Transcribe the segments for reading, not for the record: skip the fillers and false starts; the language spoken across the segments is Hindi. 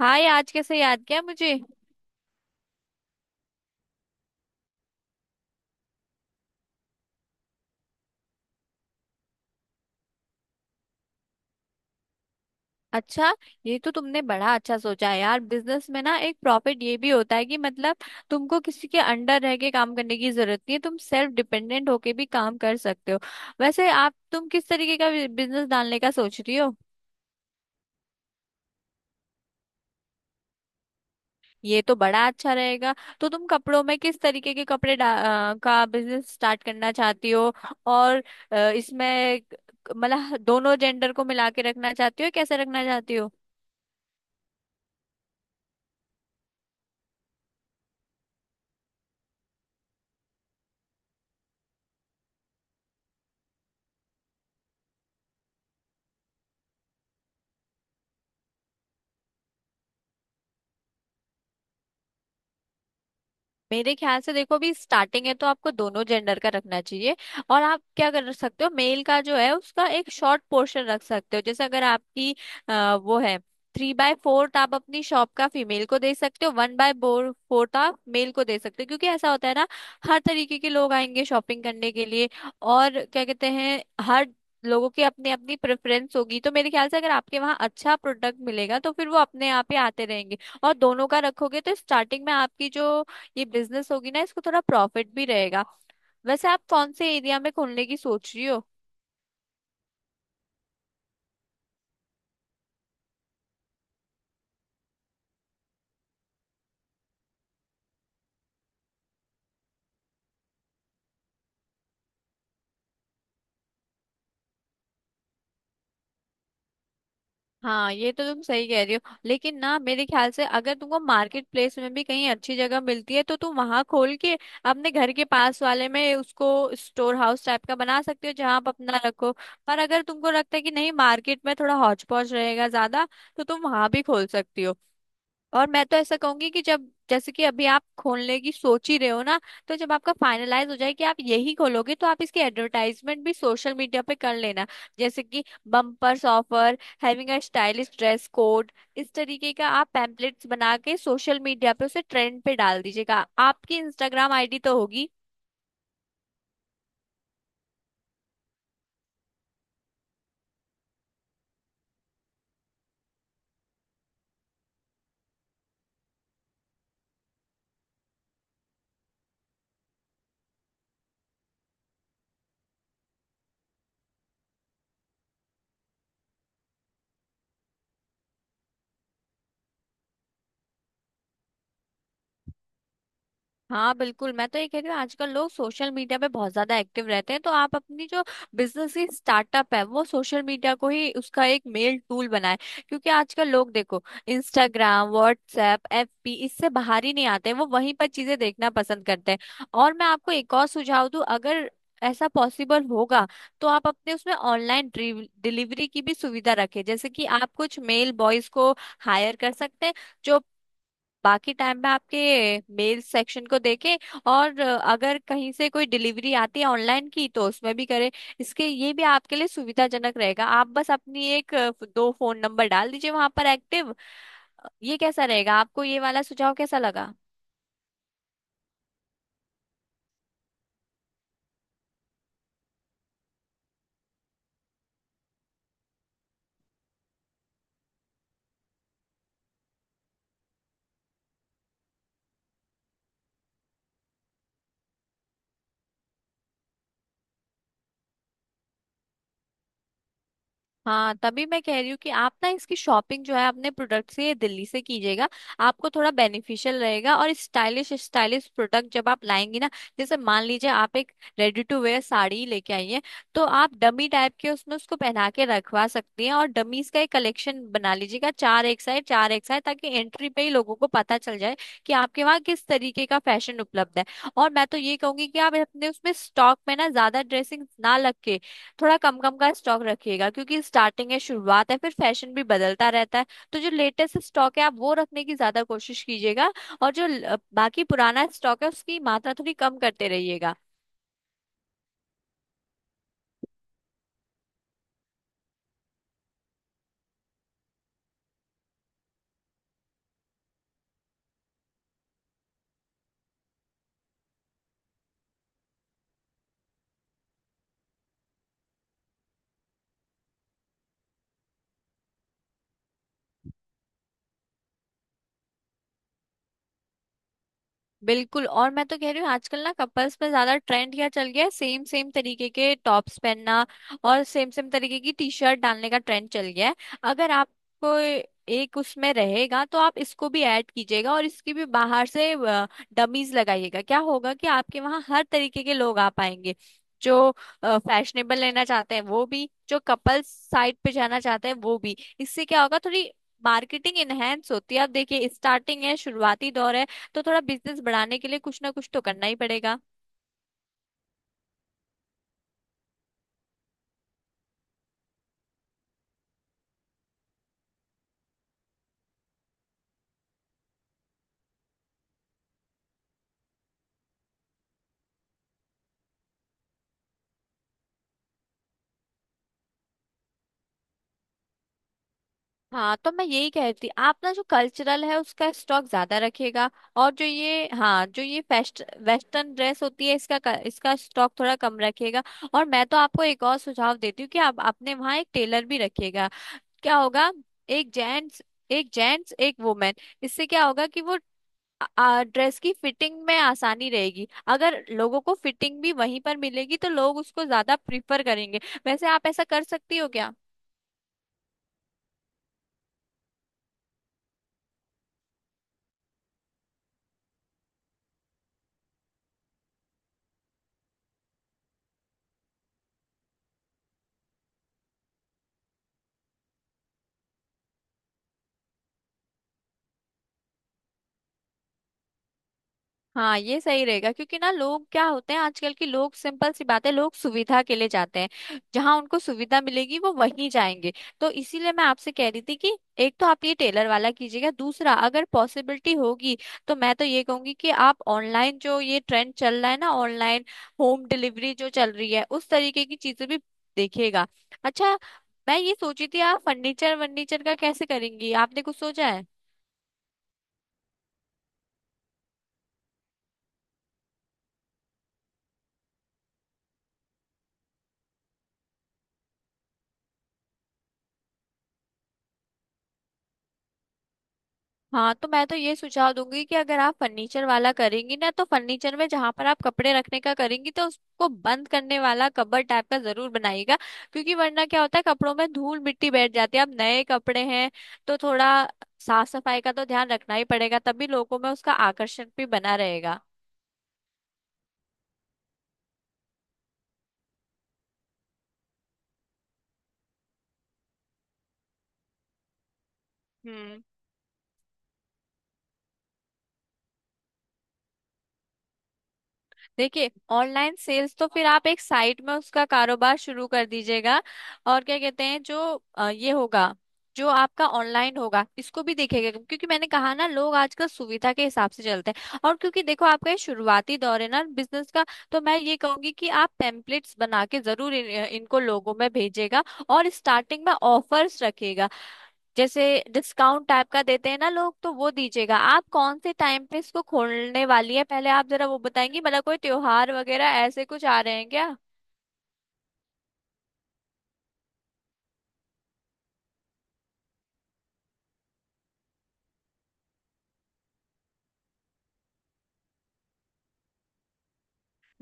हाय, आज कैसे याद किया मुझे। अच्छा। ये तो तुमने बड़ा अच्छा सोचा है यार। बिजनेस में ना एक प्रॉफिट ये भी होता है कि मतलब तुमको किसी के अंडर रह के काम करने की जरूरत नहीं है। तुम सेल्फ डिपेंडेंट होके भी काम कर सकते हो। वैसे आप तुम किस तरीके का बिजनेस डालने का सोच रही हो। ये तो बड़ा अच्छा रहेगा। तो तुम कपड़ों में किस तरीके के कपड़े का बिजनेस स्टार्ट करना चाहती हो। और इसमें मतलब दोनों जेंडर को मिला के रखना चाहती हो या कैसे रखना चाहती हो। मेरे ख्याल से देखो, अभी स्टार्टिंग है तो आपको दोनों जेंडर का रखना चाहिए। और आप क्या कर सकते हो, मेल का जो है उसका एक शॉर्ट पोर्शन रख सकते हो। जैसे अगर आपकी वो है, 3/4 आप अपनी शॉप का फीमेल को दे सकते हो, 1/4 आप मेल को दे सकते हो। क्योंकि ऐसा होता है ना, हर तरीके के लोग आएंगे शॉपिंग करने के लिए। और क्या कहते हैं, हर लोगों की अपनी अपनी प्रेफरेंस होगी। तो मेरे ख्याल से अगर आपके वहाँ अच्छा प्रोडक्ट मिलेगा तो फिर वो अपने आप ही आते रहेंगे। और दोनों का रखोगे तो स्टार्टिंग में आपकी जो ये बिजनेस होगी ना इसको थोड़ा प्रॉफिट भी रहेगा। वैसे आप कौन से एरिया में खोलने की सोच रही हो? हाँ, ये तो तुम सही कह रही हो। लेकिन ना मेरे ख्याल से अगर तुमको मार्केट प्लेस में भी कहीं अच्छी जगह मिलती है तो तुम वहां खोल के अपने घर के पास वाले में उसको स्टोर हाउस टाइप का बना सकते हो, जहां आप अपना रखो। पर अगर तुमको लगता है कि नहीं, मार्केट में थोड़ा हौच पौच रहेगा ज्यादा, तो तुम वहां भी खोल सकती हो। और मैं तो ऐसा कहूंगी कि जब, जैसे कि अभी आप खोलने की सोच ही रहे हो ना, तो जब आपका फाइनलाइज हो जाए कि आप यही खोलोगे तो आप इसकी एडवर्टाइजमेंट भी सोशल मीडिया पे कर लेना। जैसे कि bumpers offer having a stylish dress code, इस तरीके का आप पैम्पलेट्स बना के सोशल मीडिया पे उसे ट्रेंड पे डाल दीजिएगा। आपकी इंस्टाग्राम आईडी तो होगी। हाँ बिल्कुल, मैं तो ये कह रही हूँ आजकल लोग सोशल मीडिया पे बहुत ज्यादा एक्टिव रहते हैं। तो आप अपनी जो बिजनेस की स्टार्टअप है वो सोशल मीडिया को ही उसका एक मेल टूल बनाए। क्योंकि आजकल लोग देखो इंस्टाग्राम, व्हाट्सएप, एफबी इससे बाहर ही नहीं आते, वो वहीं पर चीजें देखना पसंद करते हैं। और मैं आपको एक और सुझाव दूं, अगर ऐसा पॉसिबल होगा तो आप अपने उसमें ऑनलाइन डिलीवरी की भी सुविधा रखें। जैसे कि आप कुछ मेल बॉयज को हायर कर सकते हैं, जो बाकी टाइम में आपके मेल सेक्शन को देखें। और अगर कहीं से कोई डिलीवरी आती है ऑनलाइन की तो उसमें भी करें। इसके ये भी आपके लिए सुविधाजनक रहेगा। आप बस अपनी एक दो फोन नंबर डाल दीजिए वहां पर एक्टिव। ये कैसा रहेगा, आपको ये वाला सुझाव कैसा लगा? हाँ तभी मैं कह रही हूँ कि आप ना इसकी शॉपिंग जो है अपने प्रोडक्ट से दिल्ली से कीजिएगा। आपको थोड़ा बेनिफिशियल रहेगा। और स्टाइलिश स्टाइलिश प्रोडक्ट जब आप लाएंगी ना, जैसे मान लीजिए आप एक रेडी टू वेयर साड़ी लेके आई हैं, तो आप डमी टाइप के उसमें उसको पहना के रखवा सकती हैं। और डमीज का एक कलेक्शन बना लीजिएगा, चार एक साइड चार एक साइड, ताकि एंट्री पे ही लोगों को पता चल जाए कि आपके वहाँ किस तरीके का फैशन उपलब्ध है। और मैं तो ये कहूंगी कि आप अपने उसमें स्टॉक में ना ज्यादा ड्रेसिंग ना लग, थोड़ा कम कम का स्टॉक रखिएगा। क्योंकि स्टार्टिंग है, शुरुआत है, फिर फैशन भी बदलता रहता है। तो जो लेटेस्ट स्टॉक है आप वो रखने की ज्यादा कोशिश कीजिएगा। और जो बाकी पुराना स्टॉक है उसकी मात्रा थोड़ी कम करते रहिएगा। बिल्कुल। और मैं तो कह रही हूँ आजकल ना कपल्स में ज्यादा ट्रेंड क्या चल गया है, सेम सेम तरीके के टॉप्स पहनना और सेम सेम तरीके की टी शर्ट डालने का ट्रेंड चल गया है। अगर आपको एक उसमें रहेगा तो आप इसको भी ऐड कीजिएगा और इसकी भी बाहर से डमीज लगाइएगा। क्या होगा कि आपके वहाँ हर तरीके के लोग आ पाएंगे, जो फैशनेबल लेना चाहते हैं वो भी, जो कपल्स साइड पे जाना चाहते हैं वो भी। इससे क्या होगा, थोड़ी मार्केटिंग इनहेंस होती है। आप देखिए, स्टार्टिंग है, शुरुआती दौर है। तो थोड़ा बिजनेस बढ़ाने के लिए कुछ ना कुछ तो करना ही पड़ेगा। हाँ तो मैं यही कह रही थी, आप ना जो कल्चरल है उसका स्टॉक ज्यादा रखिएगा। और जो ये, हाँ जो ये फेस्ट वेस्टर्न ड्रेस होती है इसका इसका स्टॉक थोड़ा कम रखिएगा। और मैं तो आपको एक और सुझाव देती हूँ कि आप अपने वहाँ एक टेलर भी रखिएगा। क्या होगा, एक जेंट्स एक जेंट्स, एक वुमेन। इससे क्या होगा कि वो ड्रेस की फिटिंग में आसानी रहेगी। अगर लोगों को फिटिंग भी वहीं पर मिलेगी तो लोग उसको ज्यादा प्रिफर करेंगे। वैसे आप ऐसा कर सकती हो क्या? हाँ ये सही रहेगा। क्योंकि ना लोग क्या होते हैं, आजकल के लोग, सिंपल सी बात है, लोग सुविधा के लिए जाते हैं, जहां उनको सुविधा मिलेगी वो वहीं जाएंगे। तो इसीलिए मैं आपसे कह रही थी कि एक तो आप ये टेलर वाला कीजिएगा, दूसरा अगर पॉसिबिलिटी होगी तो मैं तो ये कहूंगी कि आप ऑनलाइन, जो ये ट्रेंड चल रहा है ना ऑनलाइन होम डिलीवरी जो चल रही है, उस तरीके की चीजें भी देखिएगा। अच्छा, मैं ये सोची थी आप फर्नीचर वर्नीचर का कैसे करेंगी, आपने कुछ सोचा है? हाँ तो मैं तो ये सुझाव दूंगी कि अगर आप फर्नीचर वाला करेंगी ना, तो फर्नीचर में जहां पर आप कपड़े रखने का करेंगी, तो उसको बंद करने वाला कबर्ड टाइप का जरूर बनाइएगा। क्योंकि वरना क्या होता है, कपड़ों में धूल मिट्टी बैठ जाती है, अब नए कपड़े हैं तो थोड़ा साफ सफाई का तो ध्यान रखना ही पड़ेगा, तभी लोगों में उसका आकर्षण भी बना रहेगा। हम्म देखिए, ऑनलाइन सेल्स तो फिर आप एक साइट में उसका कारोबार शुरू कर दीजिएगा। और क्या कहते हैं जो ये होगा, जो आपका ऑनलाइन होगा इसको भी देखेगा। क्योंकि मैंने कहा ना, लोग आजकल सुविधा के हिसाब से चलते हैं। और क्योंकि देखो आपका ये शुरुआती दौर है ना बिजनेस का, तो मैं ये कहूंगी कि आप टेम्पलेट्स बना के जरूर इनको लोगों में भेजेगा। और स्टार्टिंग में ऑफर्स रखेगा, जैसे डिस्काउंट टाइप का देते हैं ना लोग, तो वो दीजिएगा। आप कौन से टाइम पे इसको खोलने वाली है, पहले आप जरा वो बताएंगी, मतलब कोई त्योहार वगैरह ऐसे कुछ आ रहे हैं क्या?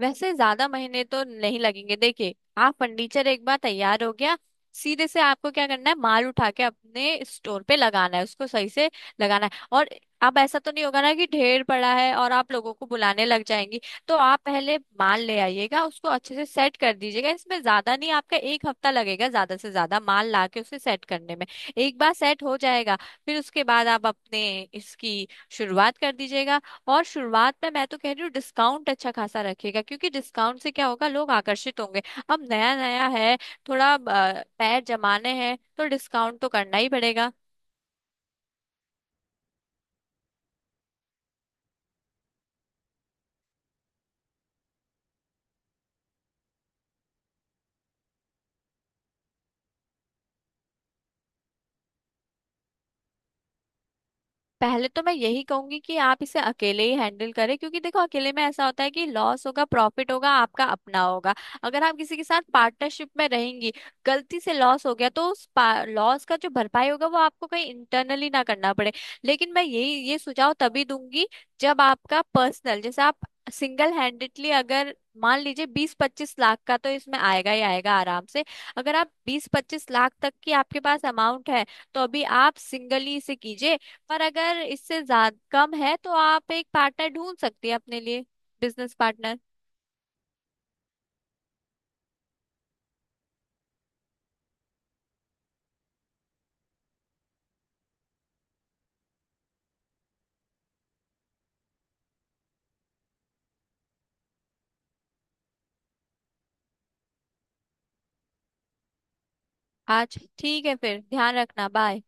वैसे ज्यादा महीने तो नहीं लगेंगे। देखिए, आप फर्नीचर एक बार तैयार हो गया, सीधे से आपको क्या करना है, माल उठा के अपने स्टोर पे लगाना है, उसको सही से लगाना है। और अब ऐसा तो नहीं होगा ना कि ढेर पड़ा है और आप लोगों को बुलाने लग जाएंगी। तो आप पहले माल ले आइएगा, उसको अच्छे से सेट कर दीजिएगा। इसमें ज्यादा नहीं, आपका एक हफ्ता लगेगा ज्यादा से ज्यादा माल ला के उसे सेट करने में। एक बार सेट हो जाएगा, फिर उसके बाद आप अपने इसकी शुरुआत कर दीजिएगा। और शुरुआत में मैं तो कह रही हूँ डिस्काउंट अच्छा खासा रखेगा। क्योंकि डिस्काउंट से क्या होगा, लोग आकर्षित होंगे। अब नया नया है, थोड़ा पैर जमाने हैं, तो डिस्काउंट तो करना ही पड़ेगा। पहले तो मैं यही कहूंगी कि आप इसे अकेले ही हैंडल करें। क्योंकि देखो अकेले में ऐसा होता है कि लॉस होगा प्रॉफिट होगा आपका अपना होगा। अगर आप किसी के साथ पार्टनरशिप में रहेंगी, गलती से लॉस हो गया तो उस लॉस का जो भरपाई होगा वो आपको कहीं इंटरनली ना करना पड़े। लेकिन मैं यही ये सुझाव तभी दूंगी जब आपका पर्सनल, जैसे आप सिंगल हैंडेडली अगर, मान लीजिए 20-25 लाख का, तो इसमें आएगा ही आएगा आराम से। अगर आप 20-25 लाख तक की आपके पास अमाउंट है तो अभी आप सिंगली इसे कीजिए। पर अगर इससे ज्यादा कम है तो आप एक पार्टनर ढूंढ सकती है अपने लिए, बिजनेस पार्टनर। आज ठीक है फिर, ध्यान रखना, बाय।